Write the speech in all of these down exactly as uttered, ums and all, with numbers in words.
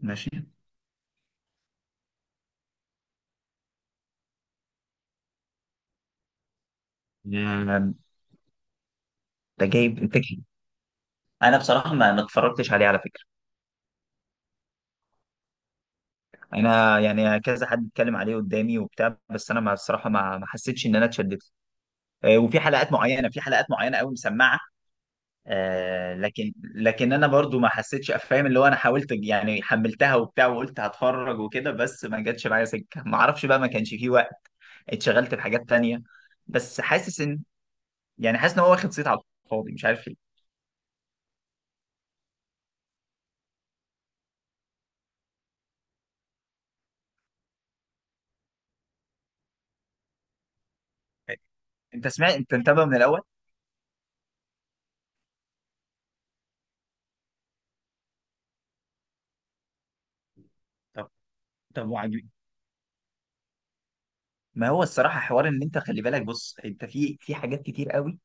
ماشي. آه، ده جايب الفكرة. انا بصراحه ما ما اتفرجتش عليه على فكره. انا يعني كذا حد اتكلم عليه قدامي وبتاع، بس انا ما بصراحه ما ما حسيتش ان انا اتشددت. آه، وفي حلقات معينه، في حلقات معينه قوي مسمعه. آه، لكن لكن انا برضو ما حسيتش، فاهم اللي هو؟ انا حاولت يعني، حملتها وبتاع وقلت هتفرج وكده، بس ما جاتش معايا سكه، ما اعرفش بقى، ما كانش فيه وقت، اتشغلت بحاجات تانية. بس حاسس ان، يعني حاسس ان هو واخد صيت على الفاضي مش عارف ليه. انت سمعت؟ انت متابع من الاول؟ طب طب وعجب؟ ما هو الصراحة حوار ان انت خلي بالك، بص، انت في في حاجات كتير قوي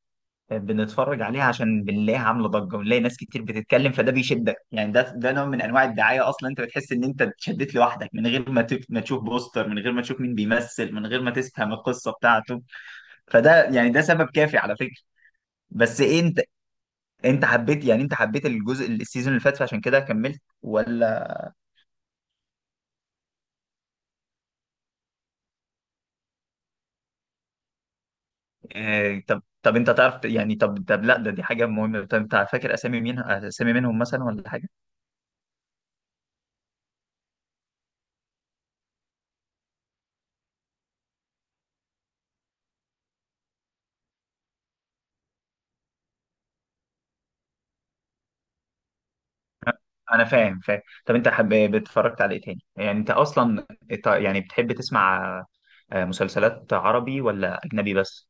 بنتفرج عليها عشان بنلاقيها عاملة ضجة ونلاقي ناس كتير بتتكلم، فده بيشدك يعني. ده ده نوع من انواع الدعاية اصلا. انت بتحس ان انت اتشدت لوحدك من غير ما ت- ما تشوف بوستر، من غير ما تشوف مين بيمثل، من غير ما تفهم القصة بتاعته. فده يعني، ده سبب كافي على فكرة. بس إيه انت، انت حبيت يعني، انت حبيت الجزء السيزون اللي فات فعشان كده كملت ولا؟ آه، طب طب، انت تعرف يعني، طب طب، لا ده، دي حاجة مهمة، طب انت فاكر اسامي مين، اسامي منهم مثلا ولا حاجة؟ انا فاهم فاهم. طب انت حب... اتفرجت على ايه تاني يعني؟ انت اصلا إت- يعني بتحب تسمع، آه، مسلسلات عربي ولا اجنبي بس؟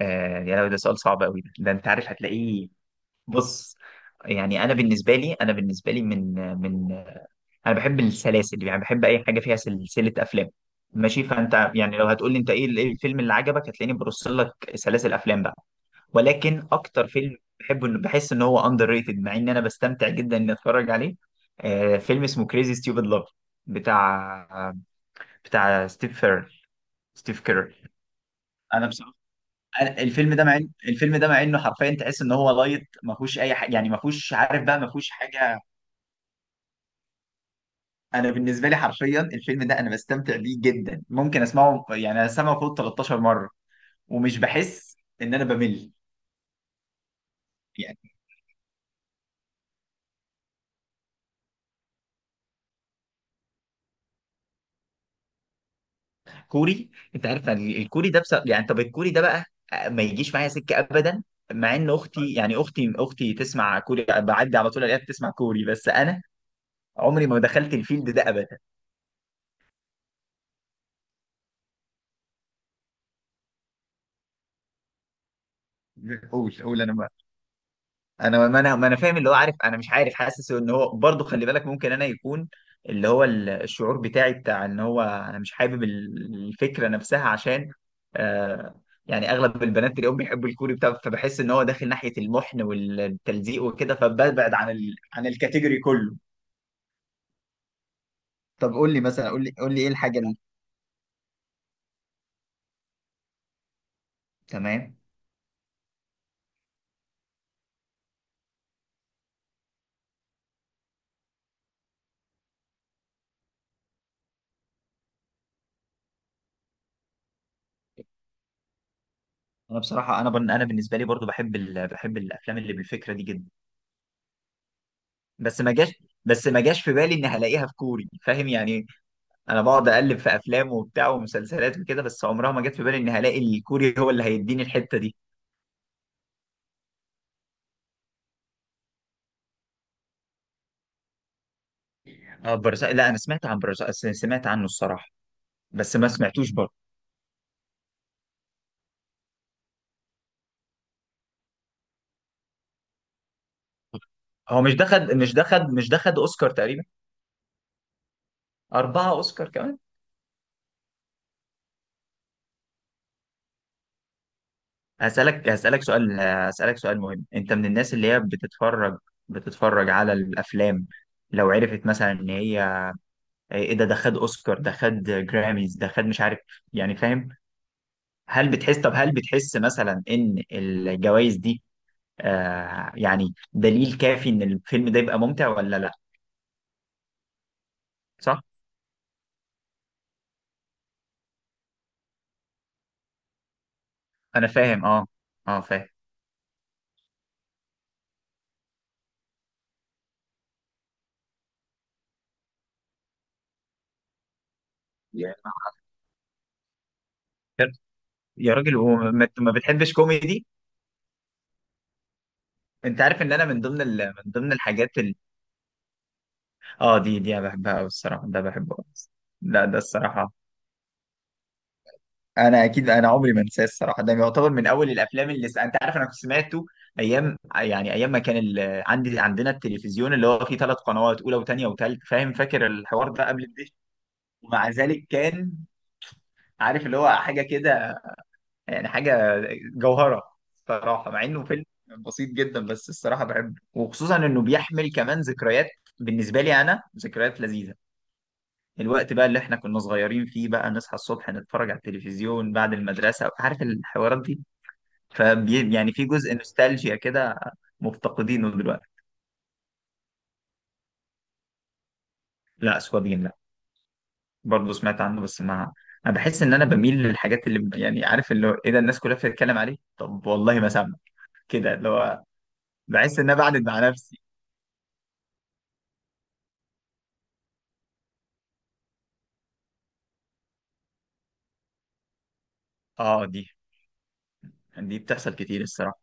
آه، يعني ده سؤال صعب قوي ده ده انت عارف هتلاقيه. بص، يعني انا بالنسبه لي، انا بالنسبه لي من، من، انا بحب السلاسل، يعني بحب اي حاجه فيها سلسله افلام ماشي. فانت يعني لو هتقول لي انت ايه ال- إيه الفيلم اللي عجبك، هتلاقيني برص لك سلاسل افلام بقى. ولكن اكتر فيلم بحبه، انه بحس ان هو اندر ريتد مع ان انا بستمتع جدا اني اتفرج عليه، آه، فيلم اسمه كريزي ستيوبد لاف، بتاع بتاع ستيف فير، ستيف كيرر. انا بصراحه، أنا الفيلم ده مع إن- الفيلم ده مع انه حرفيا تحس ان هو لايت، ما فيهوش اي حاجه يعني، ما فيهوش عارف بقى، ما فيهوش حاجه. انا بالنسبه لي حرفيا الفيلم ده انا بستمتع بيه جدا، ممكن اسمعه يعني، اسمعه فوق تلتاشر مره ومش بحس ان انا بمل. كوري؟ انت عارف ال- الكوري ده؟ بس يعني طب الكوري ده بقى آه، ما يجيش معايا سكه ابدا، مع ان اختي يعني، اختي اختي تسمع كوري، بعدي على طول الاقيها بتسمع كوري، بس انا عمري ما دخلت الفيلد ده ابدا. قول قول. انا، انا ما، انا ما، انا فاهم اللي هو، عارف انا مش عارف، حاسس ان هو برضه خلي بالك، ممكن انا يكون اللي هو ال- الشعور بتاعي بتاع ان هو انا مش حابب ال- الفكره نفسها، عشان آه، يعني اغلب البنات اليوم بيحبوا الكوري بتاع، فبحس ان هو داخل ناحيه المحن والتلزيق وكده، فببعد عن ال... عن الكاتيجوري كله. طب قول لي مثلا، قول لي قول لي ايه الحاجه اللي، تمام. انا بصراحه انا بن... انا بالنسبه لي برضو بحب ال... بحب الافلام اللي بالفكره دي جدا، بس ما جاش، بس ما جاش في بالي ان هلاقيها في كوري، فاهم يعني؟ انا بقعد اقلب في افلام وبتاع ومسلسلات وكده، بس عمرها ما جت في بالي ان هلاقي الكوري هو اللي هيديني الحته دي. اه برزاق، لا انا سمعت عن برزاق، س- سمعت عنه الصراحه، بس ما سمعتوش برضه. هو مش دخل، مش دخل، مش دخل اوسكار تقريبا؟ اربعه اوسكار كمان؟ هسالك، هسالك سؤال، هسالك سؤال مهم. انت من الناس اللي هي بتتفرج، بتتفرج على الافلام لو عرفت مثلا ان هي ايه، ده ده خد اوسكار، ده خد جراميز، ده خد مش عارف يعني، فاهم؟ هل بتحس، طب هل بتحس مثلا ان الجوائز دي آه يعني دليل كافي ان الفيلم ده يبقى ممتع ولا لا؟ صح. انا فاهم. اه، اه فاهم. يا يا راجل، وما ما بتحبش كوميدي؟ انت عارف ان انا من ضمن ال... من ضمن الحاجات ال... اه دي، دي انا بحبها قوي الصراحه، ده بحبه أوي. لا ده الصراحه انا اكيد، انا عمري ما انساه الصراحه. ده يعتبر من اول الافلام اللي س... انت عارف انا كنت سمعته ايام، يعني ايام ما كان ال... عندي، عندنا التلفزيون اللي هو فيه ثلاث قنوات، اولى وثانيه وثالث، فاهم؟ فاكر الحوار ده قبل الدش؟ ومع ذلك كان، عارف اللي هو حاجه كده، يعني حاجه جوهره صراحه، مع انه فيلم بسيط جدا، بس الصراحه بحبه، وخصوصا انه بيحمل كمان ذكريات بالنسبه لي، انا ذكريات لذيذه، الوقت بقى اللي احنا كنا صغيرين فيه، بقى نصحى الصبح نتفرج على التلفزيون بعد المدرسه، عارف الحوارات دي؟ فبي يعني في جزء نوستالجيا كده مفتقدينه دلوقتي. لا سوابين لا، برضه سمعت عنه بس ما، انا بحس ان انا بميل للحاجات اللي يعني، عارف اللي هو ايه ده الناس كلها بتتكلم عليه طب والله ما سامع، كده اللي هو بحس ان انا بعند مع نفسي. اه دي، دي بتحصل كتير الصراحه.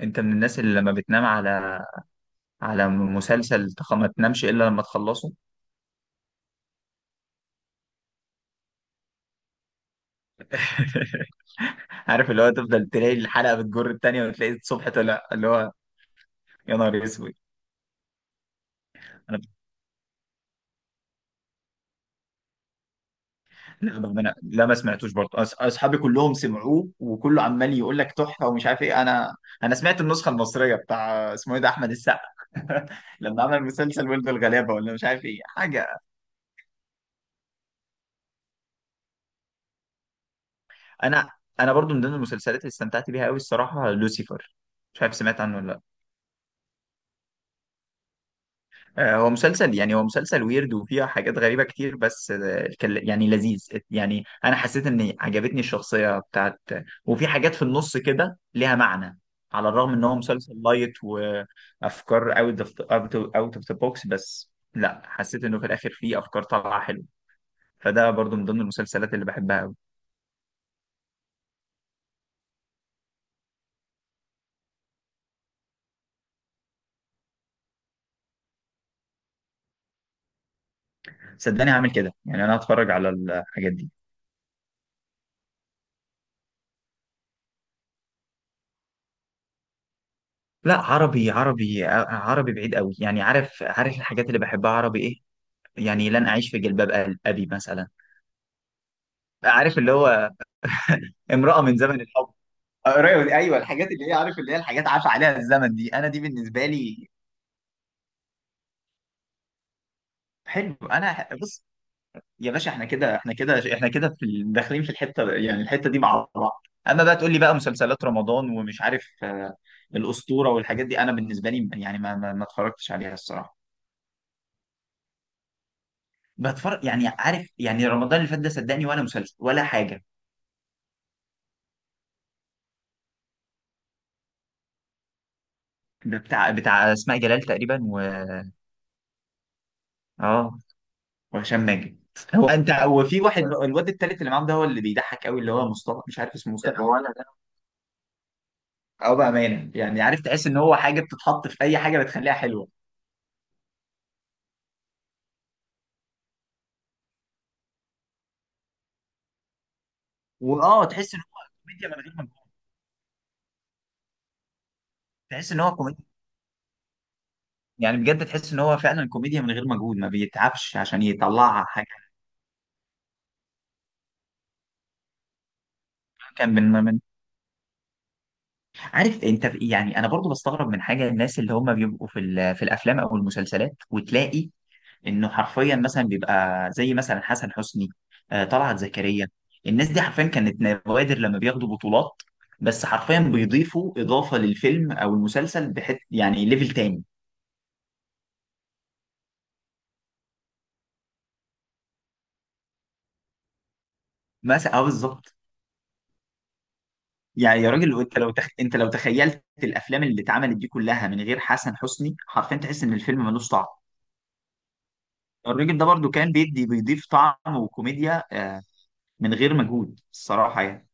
انت من الناس اللي لما بتنام على على مسلسل تخ- ما تنامش الا لما تخلصه؟ عارف اللي هو تفضل تلاقي الحلقه بتجر التانيه، وتلاقي الصبح طلع، اللي هو يا نهار اسود. انا، لا ما- أنا- لا ما سمعتوش برضه، أص- اصحابي كلهم سمعوه وكله عمال يقول لك تحفه ومش عارف ايه. انا، انا سمعت النسخه المصريه بتاع اسمه ايه ده، احمد السقا، لما عمل مسلسل ولد الغلابه ولا مش عارف ايه حاجه. انا، انا برضو من ضمن المسلسلات اللي استمتعت بيها قوي الصراحه لوسيفر، مش عارف سمعت عنه ولا لا؟ آه، هو مسلسل يعني، هو مسلسل ويرد وفيها حاجات غريبه كتير، بس آه، كان- يعني لذيذ يعني، انا حسيت ان عجبتني الشخصيه بتاعت، وفي حاجات في النص كده ليها معنى، على الرغم ان هو مسلسل لايت وافكار اوت اوف، اوت اوف ذا بوكس، بس لا حسيت انه في الاخر فيه افكار طالعه حلوه، فده برضو من ضمن المسلسلات اللي بحبها قوي. صدقني هعمل كده، يعني انا هتفرج على الحاجات دي. لا عربي، عربي ع- عربي بعيد قوي يعني. عارف عارف الحاجات اللي بحبها عربي ايه؟ يعني لن اعيش في جلباب أل- ابي مثلا، عارف اللي هو؟ امرأة من زمن الحب، قريب- ايوه الحاجات اللي هي عارف اللي هي الحاجات عاش عليها الزمن دي، انا دي بالنسبه لي، حلو. انا ح- بص، يا باشا احنا كده، احنا كده، احنا كده في ال- داخلين في الحته يعني، الحته دي مع بعض. اما بقى تقول لي بقى مسلسلات رمضان ومش عارف آه، الاسطوره والحاجات دي، انا بالنسبه لي يعني ما ما ما اتفرجتش عليها الصراحه. بتفرج يعني عارف، يعني رمضان اللي فات ده صدقني ولا مسلسل ولا حاجه. ده بتاع بتاع اسماء جلال تقريبا و، اه وهشام ماجد. هو انت، هو في واحد الواد التالت اللي معاهم ده، هو اللي بيضحك قوي، اللي هو مصطفى، مش عارف اسمه مصطفى هو ولا ده؟ اه بامانه يعني، عارف تحس ان هو حاجه بتتحط في اي حاجه بتخليها حلوه. واه تحس ان هو كوميديا من غير مجهود، تحس ان هو كوميديا، يعني بجد تحس ان هو فعلا كوميديا من غير مجهود، ما بيتعبش عشان يطلعها حاجه. كان من، من، عارف انت ب- يعني انا برضو بستغرب من حاجه، الناس اللي هم بيبقوا في ال- في الافلام او المسلسلات، وتلاقي انه حرفيا مثلا بيبقى زي مثلا حسن حسني، آه، طلعت زكريا، الناس دي حرفيا كانت نوادر لما بياخدوا بطولات، بس حرفيا بيضيفوا اضافه للفيلم او المسلسل بحت، يعني ليفل تاني. مثلا اه بالظبط. يعني يا راجل، انت لو تخ... انت لو تخيلت الافلام اللي اتعملت دي كلها من غير حسن حسني، حرفيا تحس ان الفيلم ملوش طعم. الراجل ده برضو كان بيدي، بيضيف طعم وكوميديا آه، من غير مجهود الصراحة يعني.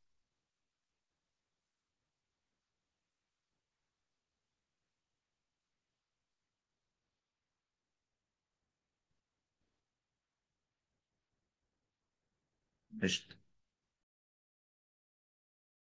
قشطة.